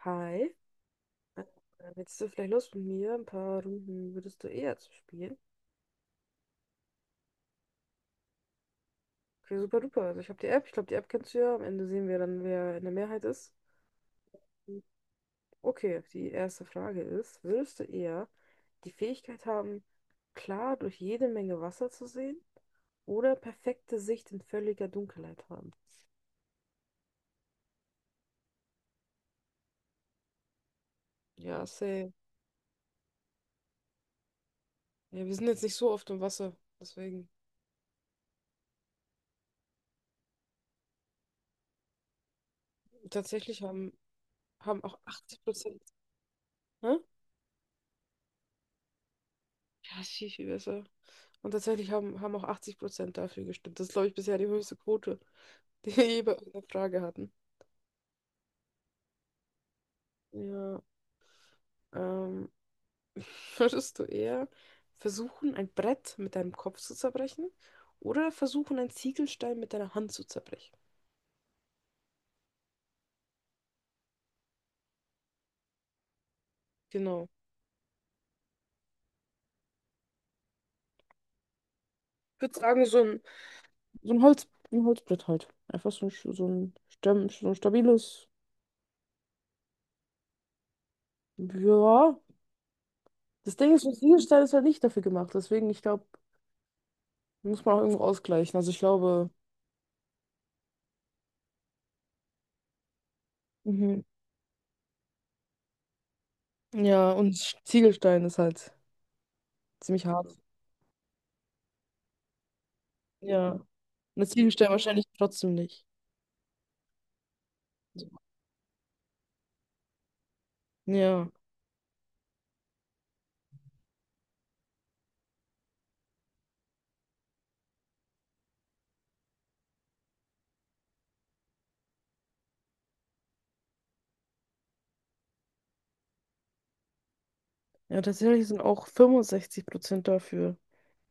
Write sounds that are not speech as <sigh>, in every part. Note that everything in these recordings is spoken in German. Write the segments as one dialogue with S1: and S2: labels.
S1: Hi, äh, hättest du vielleicht Lust mit mir ein paar Runden würdest du eher zu spielen? Okay, super duper. Also ich habe die App, ich glaube, die App kennst du ja. Am Ende sehen wir dann, wer in der Mehrheit ist. Okay, die erste Frage ist, würdest du eher die Fähigkeit haben, klar durch jede Menge Wasser zu sehen oder perfekte Sicht in völliger Dunkelheit haben? Ja, safe. Ja, wir sind jetzt nicht so oft im Wasser, deswegen. Tatsächlich haben auch 80%. Hä? Ja, ist viel, viel besser. Und tatsächlich haben auch 80% dafür gestimmt. Das ist, glaube ich, bisher die höchste Quote, <laughs> die wir je bei einer Frage hatten. Ja, ähm, <laughs> würdest du eher versuchen, ein Brett mit deinem Kopf zu zerbrechen oder versuchen, einen Ziegelstein mit deiner Hand zu zerbrechen? Genau. Ich würde sagen, so ein Holz, ein Holzbrett halt. Einfach so ein stabiles. Ja. Das Ding ist, so ein Ziegelstein ist halt nicht dafür gemacht. Deswegen, ich glaube, muss man auch irgendwo ausgleichen. Also ich glaube. Mhm. Ja, und Ziegelstein ist halt ziemlich hart. Ja. Und der Ziegelstein wahrscheinlich trotzdem nicht. Ja. Ja, tatsächlich sind auch 65% dafür.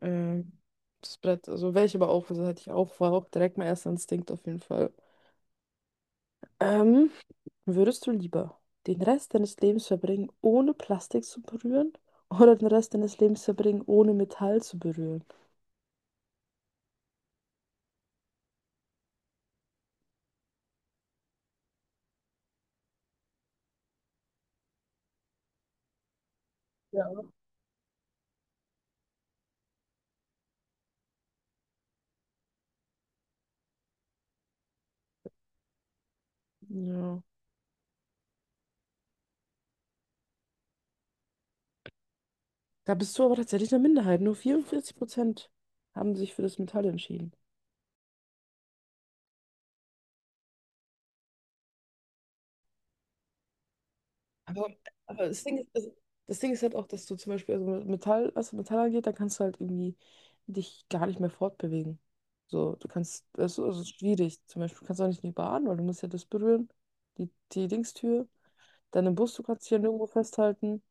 S1: Ähm, das Brett, also welche aber auch, also hatte ich auch, war auch direkt mein erster Instinkt auf jeden Fall. Ähm, würdest du lieber den Rest deines Lebens verbringen, ohne Plastik zu berühren, oder den Rest deines Lebens verbringen, ohne Metall zu berühren? Ja. Ja. Da bist du aber tatsächlich eine Minderheit. Nur 44% haben sich für das Metall entschieden. Aber, aber das Ding ist, also, das Ding ist halt auch, dass du zum Beispiel, also mit Metall, was Metall angeht, da kannst du halt irgendwie dich gar nicht mehr fortbewegen. So, du kannst, das ist, also es ist schwierig. Zum Beispiel kannst du auch nicht in die Bahn, weil du musst ja das berühren, die Dingstür. Dann im Bus, du kannst dich ja nirgendwo festhalten.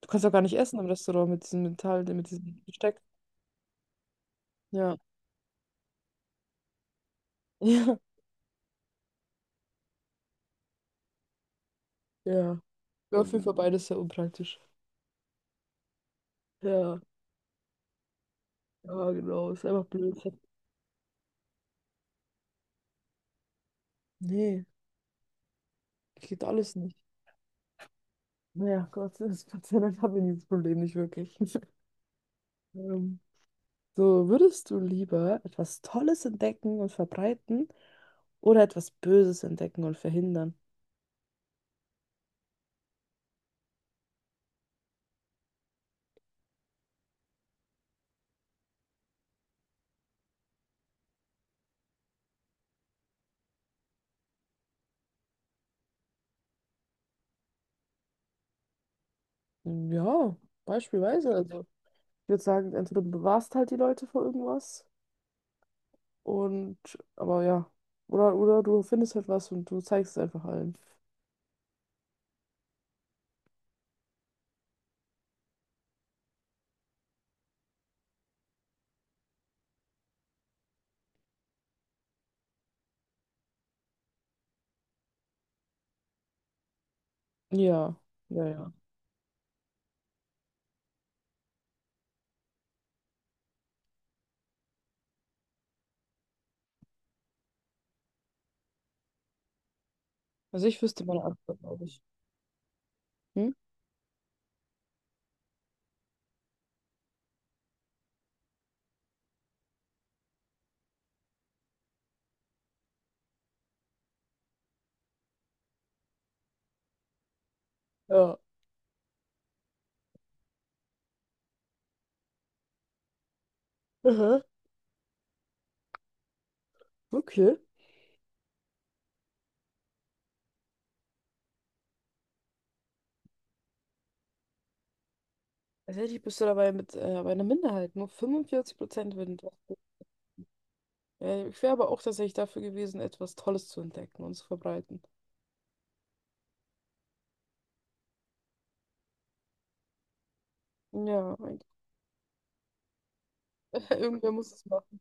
S1: Du kannst auch gar nicht essen im Restaurant mit diesem Metall, mit diesem Besteck. Ja. <laughs> Ja. Ja. Wäre auf jeden Fall beides sehr unpraktisch. Ja. Ja, genau. Ist einfach blöd. Nee, geht alles nicht. Ja, Gott, das Gott sei Dank habe ich dieses Problem nicht wirklich. <laughs> Ähm, So, würdest du lieber etwas Tolles entdecken und verbreiten oder etwas Böses entdecken und verhindern? Ja, beispielsweise. Also, ich würde sagen, entweder du bewahrst halt die Leute vor irgendwas und, aber ja, oder du findest halt was und du zeigst es einfach allen. Ja, ja, ja. Also, ich wüsste meine Antwort, glaube ich. Hm? Ja. Aha. Okay. Tatsächlich bist du dabei mit bei einer Minderheit. Nur 45% würden das tun. Ja, ich wäre aber auch tatsächlich dafür gewesen, etwas Tolles zu entdecken und zu verbreiten. Ja, <laughs> irgendwer muss es machen.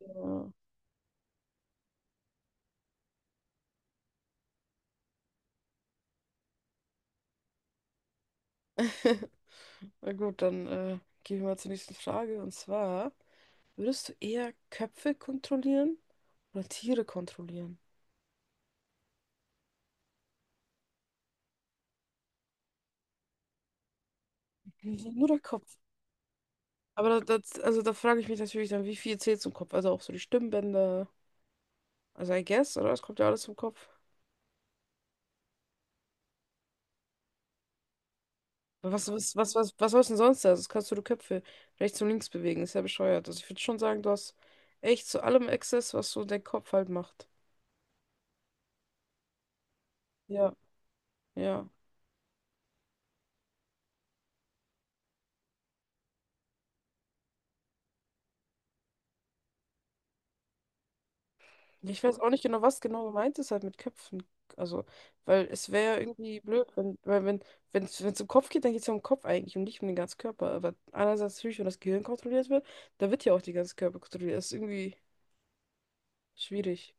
S1: Ja. <laughs> Na gut, dann gehen wir mal zur nächsten Frage. Und zwar, würdest du eher Köpfe kontrollieren oder Tiere kontrollieren? <laughs> Nur der Kopf. Aber das, also da frage ich mich natürlich dann, wie viel zählt zum Kopf? Also auch so die Stimmbänder. Also I guess, oder? Es kommt ja alles zum Kopf. Was soll's denn sonst da? Das kannst du die Köpfe rechts und links bewegen. Ist ja bescheuert. Also ich würde schon sagen, du hast echt zu allem Access, was so dein Kopf halt macht. Ja. Ja. Ich weiß auch nicht genau, was genau gemeint ist halt mit Köpfen. Also, weil es wäre irgendwie blöd, wenn, weil wenn, wenn es um Kopf geht, dann geht es ja um den Kopf eigentlich und nicht um den ganzen Körper. Aber einerseits natürlich, wenn das Gehirn kontrolliert wird, dann wird ja auch der ganze Körper kontrolliert. Das ist irgendwie schwierig.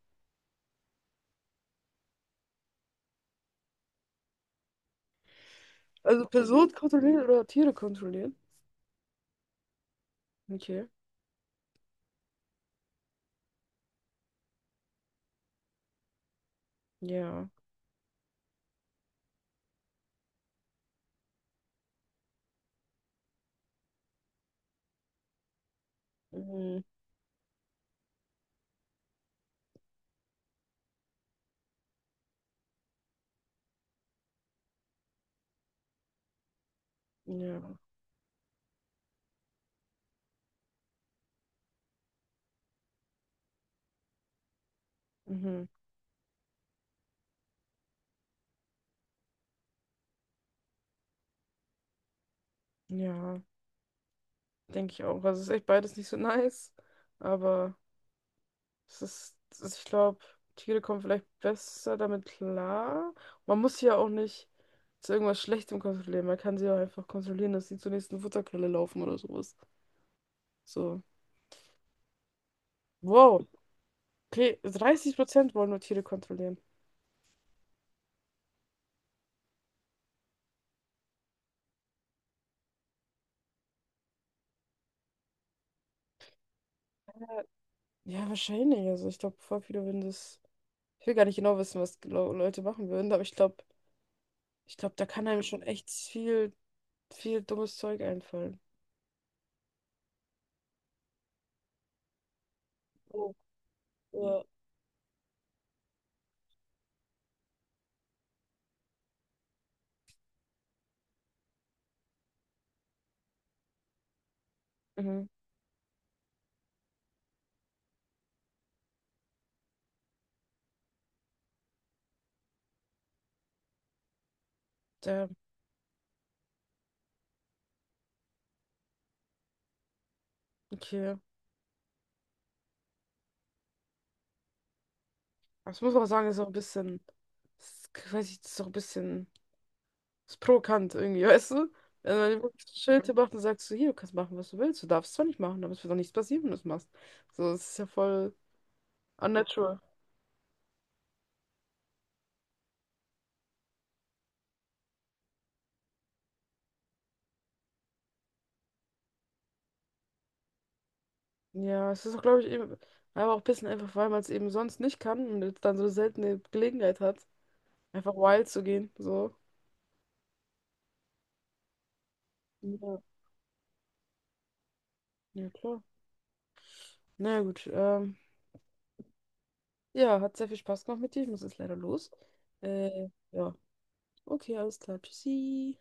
S1: Also Person kontrollieren oder Tiere kontrollieren? Okay. Ja. Mhm. Ja. Mhm. Ja, denke ich auch. Also es ist echt beides nicht so <laughs> nice, aber es ist ich glaube, Tiere kommen vielleicht besser damit klar. Man muss sie ja auch nicht zu irgendwas Schlechtem kontrollieren. Man kann sie auch einfach kontrollieren, dass sie zur nächsten Futterquelle laufen oder sowas. So. Wow. Okay, 30% wollen nur Tiere kontrollieren. Ja, ja, wahrscheinlich. Also ich glaube, voll viele würden das. Ich will gar nicht genau wissen, was Leute machen würden, aber ich glaube, da kann einem schon echt viel, viel dummes Zeug einfallen. Ja. Mhm. Der, okay. Aber ich muss auch sagen, ist auch ein bisschen, ist, weiß ich, das ist auch ein bisschen ist provokant irgendwie, <laughs> weißt du? Wenn man wirklich ein Schild macht und sagt so, hier, du kannst machen, was du willst. Du darfst zwar nicht machen, aber es wird doch nichts passieren, wenn du es machst. So, es ist ja voll unnatural. Ja, es ist auch, glaube ich, eben, aber auch ein bisschen einfach, weil man es eben sonst nicht kann und jetzt dann so eine seltene Gelegenheit hat, einfach wild zu gehen. So. Ja, ja klar. Na naja, gut. Ja, hat sehr viel Spaß gemacht mit dir. Ich muss jetzt leider los. Ja. Okay, alles klar. Tschüssi.